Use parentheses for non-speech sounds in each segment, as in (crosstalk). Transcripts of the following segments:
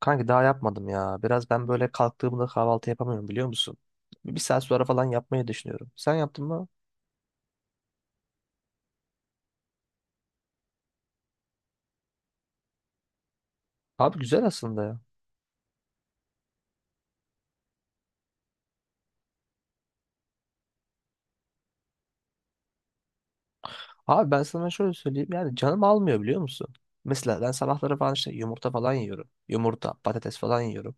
Kanki daha yapmadım ya. Biraz ben böyle kalktığımda kahvaltı yapamıyorum biliyor musun? Bir saat sonra falan yapmayı düşünüyorum. Sen yaptın mı? Abi güzel aslında ya. Abi ben sana şöyle söyleyeyim yani canım almıyor biliyor musun? Mesela ben sabahları falan işte yumurta falan yiyorum. Yumurta, patates falan yiyorum.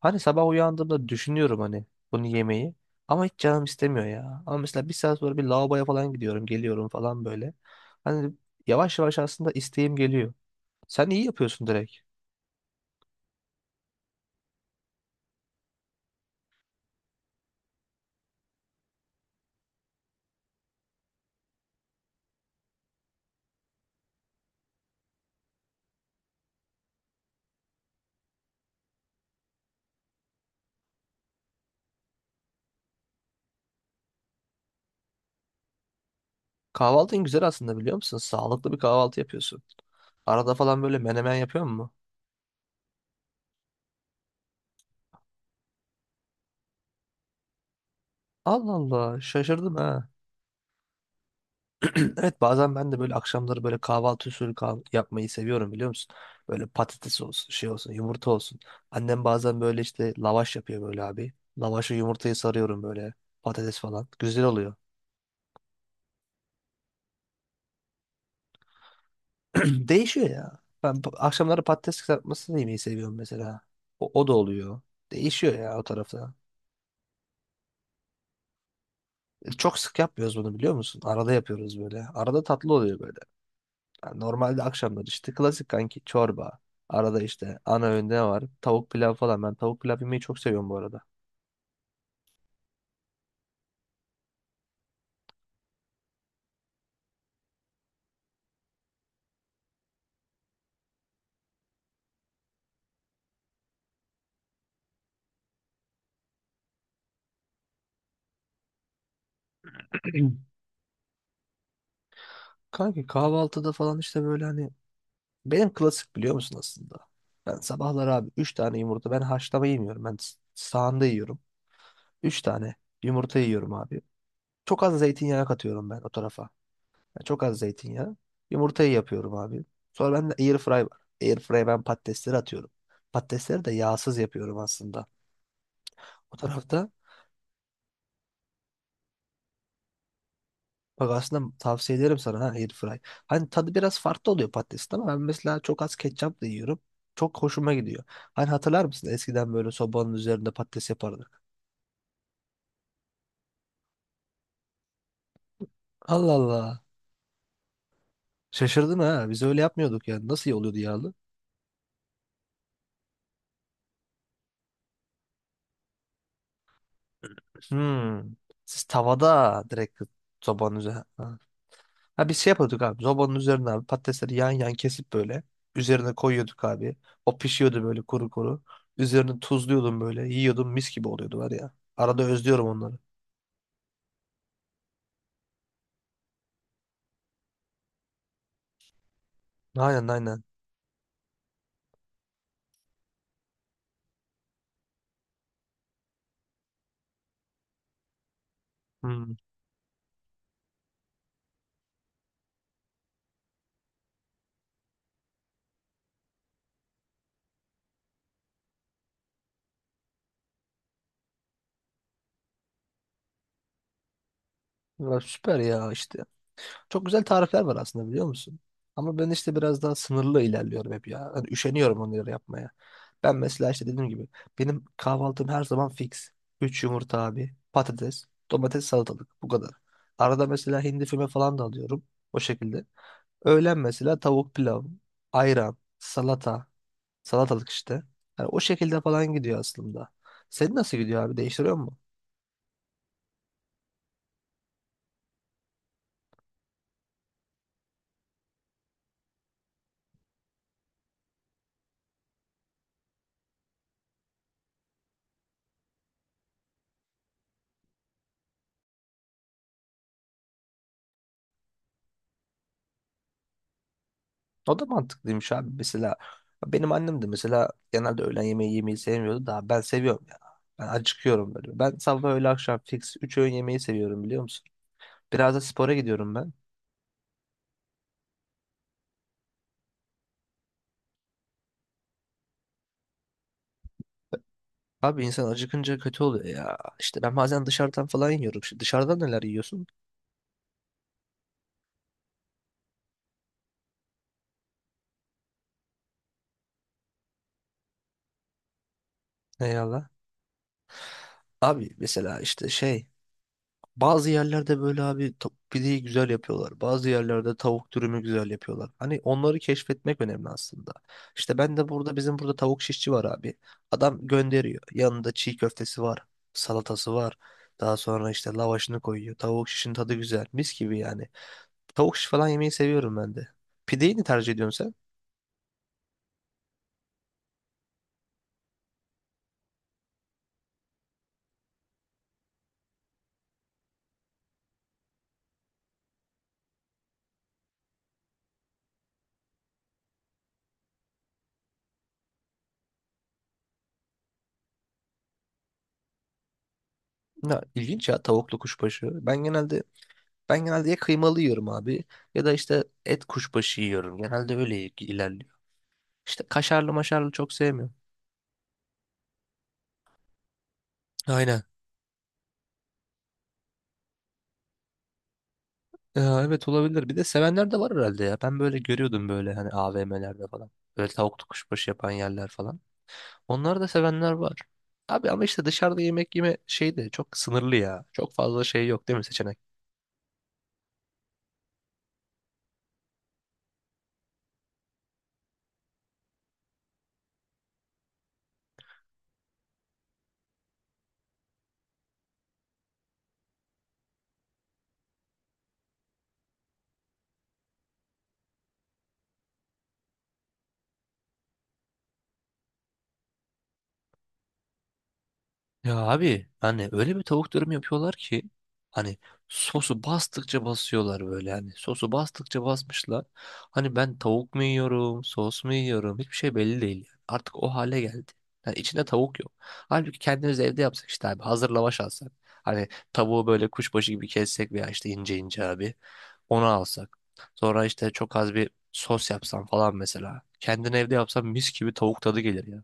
Hani sabah uyandığımda düşünüyorum hani bunu yemeyi. Ama hiç canım istemiyor ya. Ama mesela bir saat sonra bir lavaboya falan gidiyorum, geliyorum falan böyle. Hani yavaş yavaş aslında isteğim geliyor. Sen iyi yapıyorsun direkt. Kahvaltın güzel aslında biliyor musun? Sağlıklı bir kahvaltı yapıyorsun. Arada falan böyle menemen yapıyor mu? Allah Allah, şaşırdım ha. (clears throat) Evet, bazen ben de böyle akşamları böyle kahvaltı usulü yapmayı seviyorum biliyor musun? Böyle patates olsun, şey olsun, yumurta olsun. Annem bazen böyle işte lavaş yapıyor böyle abi. Lavaşı yumurtayı sarıyorum böyle, patates falan. Güzel oluyor. (clears throat) Değişiyor ya. Ben akşamları patates kızartmasını yemeyi seviyorum mesela. O da oluyor. Değişiyor ya o tarafta. Çok sık yapmıyoruz bunu biliyor musun? Arada yapıyoruz böyle. Arada tatlı oluyor böyle. Yani normalde akşamlar işte klasik kanki çorba. Arada işte ana öğünde ne var? Tavuk pilav falan. Ben tavuk pilav yemeyi çok seviyorum bu arada. (clears throat) Kanki kahvaltıda falan işte böyle hani benim klasik biliyor musun aslında? Ben sabahları abi 3 tane yumurta, ben haşlama yemiyorum. Ben sahanda yiyorum. 3 tane yumurta yiyorum abi. Çok az zeytinyağı katıyorum ben o tarafa. Yani çok az zeytinyağı. Yumurtayı yapıyorum abi. Sonra ben air fry var. Airfry'e ben patatesleri atıyorum. Patatesleri de yağsız yapıyorum aslında. O tarafta bak, aslında tavsiye ederim sana ha, air fry. Hani tadı biraz farklı oluyor patatesin ama ben mesela çok az ketçapla yiyorum. Çok hoşuma gidiyor. Hani hatırlar mısın, eskiden böyle sobanın üzerinde patates yapardık. Allah Allah. Şaşırdım ha. Biz öyle yapmıyorduk yani. Nasıl iyi oluyordu yağlı? Hmm. Siz tavada direkt sobanın üzerine. Ha, biz şey yapıyorduk abi. Zobanın üzerine abi patatesleri yan yan kesip böyle. Üzerine koyuyorduk abi. O pişiyordu böyle kuru kuru. Üzerine tuzluyordum böyle. Yiyordum, mis gibi oluyordu var ya. Arada özlüyorum onları. Aynen, aynen. Hmm. Ya süper ya işte. Çok güzel tarifler var aslında biliyor musun? Ama ben işte biraz daha sınırlı ilerliyorum hep ya. Hani üşeniyorum onları yapmaya. Ben mesela işte dediğim gibi benim kahvaltım her zaman fix. Üç yumurta abi, patates, domates, salatalık, bu kadar. Arada mesela hindi füme falan da alıyorum o şekilde. Öğlen mesela tavuk pilav, ayran, salata, salatalık işte. Yani o şekilde falan gidiyor aslında. Senin nasıl gidiyor abi? Değiştiriyor mu? O da mantıklıymış abi. Mesela benim annem de mesela genelde öğlen yemeği yemeyi sevmiyordu da ben seviyorum ya. Ben acıkıyorum böyle. Ben sabah öğle akşam fix 3 öğün yemeği seviyorum biliyor musun? Biraz da spora gidiyorum ben. Abi, insan acıkınca kötü oluyor ya. İşte ben bazen dışarıdan falan yiyorum. Şimdi dışarıdan neler yiyorsun? Eyvallah. Abi mesela işte şey, bazı yerlerde böyle abi pideyi güzel yapıyorlar. Bazı yerlerde tavuk dürümü güzel yapıyorlar. Hani onları keşfetmek önemli aslında. İşte ben de burada, bizim burada tavuk şişçi var abi. Adam gönderiyor. Yanında çiğ köftesi var. Salatası var. Daha sonra işte lavaşını koyuyor. Tavuk şişin tadı güzel. Mis gibi yani. Tavuk şiş falan yemeyi seviyorum ben de. Pideyi ne tercih ediyorsun sen? Ya, ilginç ya tavuklu kuşbaşı. Ben genelde ya kıymalı yiyorum abi, ya da işte et kuşbaşı yiyorum. Genelde öyle ilerliyor. İşte kaşarlı maşarlı çok sevmiyorum. Aynen. Ya evet, olabilir. Bir de sevenler de var herhalde ya. Ben böyle görüyordum böyle hani AVM'lerde falan. Böyle tavuklu kuşbaşı yapan yerler falan. Onları da sevenler var. Abi ama işte dışarıda yemek yeme şey de çok sınırlı ya. Çok fazla şey yok değil mi, seçenek? Ya abi, hani öyle bir tavuk dürüm yapıyorlar ki hani sosu bastıkça basıyorlar böyle, hani sosu bastıkça basmışlar. Hani ben tavuk mu yiyorum, sos mu yiyorum, hiçbir şey belli değil yani. Artık o hale geldi. Yani içinde tavuk yok. Halbuki kendimiz evde yapsak işte abi, hazır lavaş alsak. Hani tavuğu böyle kuşbaşı gibi kessek veya işte ince ince abi onu alsak. Sonra işte çok az bir sos yapsan falan mesela. Kendin evde yapsan mis gibi tavuk tadı gelir ya.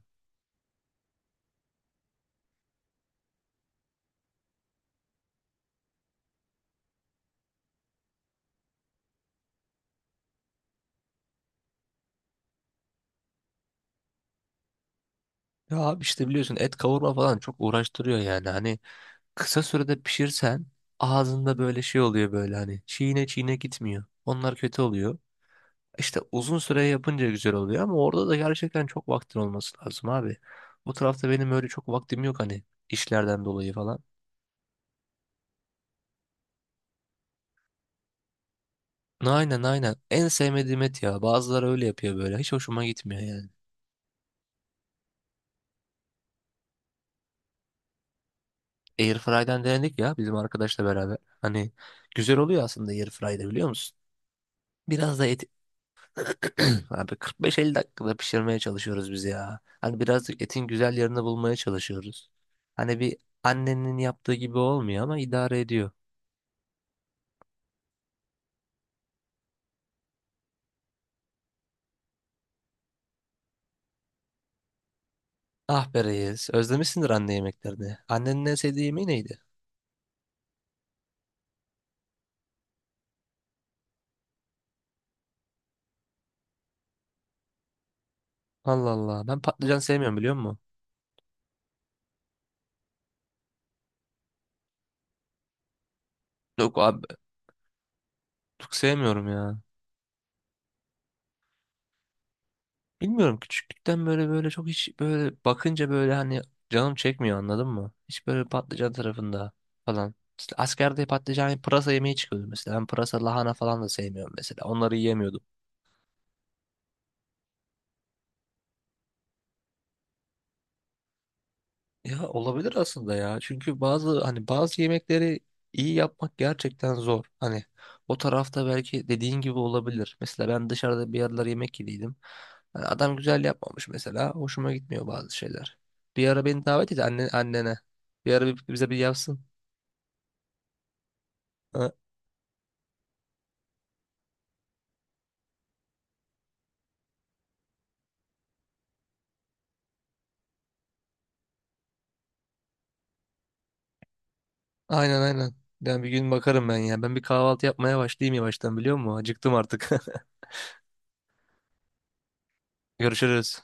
Ya abi, işte biliyorsun et kavurma falan çok uğraştırıyor yani hani kısa sürede pişirsen ağzında böyle şey oluyor böyle hani çiğne çiğne gitmiyor. Onlar kötü oluyor. İşte uzun süre yapınca güzel oluyor ama orada da gerçekten çok vaktin olması lazım abi. Bu tarafta benim öyle çok vaktim yok hani işlerden dolayı falan. Aynen, aynen en sevmediğim et ya, bazıları öyle yapıyor böyle hiç hoşuma gitmiyor yani. Airfryer'den denedik ya bizim arkadaşla beraber, hani güzel oluyor aslında Airfryer'de biliyor musun? Biraz da et, (clears throat) abi 45-50 dakikada pişirmeye çalışıyoruz biz ya. Hani birazcık etin güzel yerini bulmaya çalışıyoruz. Hani bir annenin yaptığı gibi olmuyor ama idare ediyor. Ah be reis, özlemişsindir anne yemeklerini. Annenin en sevdiği yemeği neydi? Allah Allah, ben patlıcan sevmiyorum biliyor musun? Yok abi, çok sevmiyorum ya. Bilmiyorum, küçüklükten böyle böyle çok hiç böyle bakınca böyle hani canım çekmiyor, anladın mı? Hiç böyle patlıcan tarafında falan. İşte askerde patlıcan hani pırasa yemeği çıkıyordu mesela. Ben pırasa lahana falan da sevmiyorum mesela. Onları yiyemiyordum. Ya olabilir aslında ya. Çünkü bazı, hani bazı yemekleri iyi yapmak gerçekten zor. Hani o tarafta belki dediğin gibi olabilir. Mesela ben dışarıda bir yerler yemek yediydim. Hani adam güzel yapmamış mesela. Hoşuma gitmiyor bazı şeyler. Bir ara beni davet et anne, annene. Bir ara bize bir yapsın. Ha, aynen aynen. Yani bir gün bakarım ben ya. Ben bir kahvaltı yapmaya başlayayım yavaştan biliyor musun? Acıktım artık. (laughs) Görüşürüz.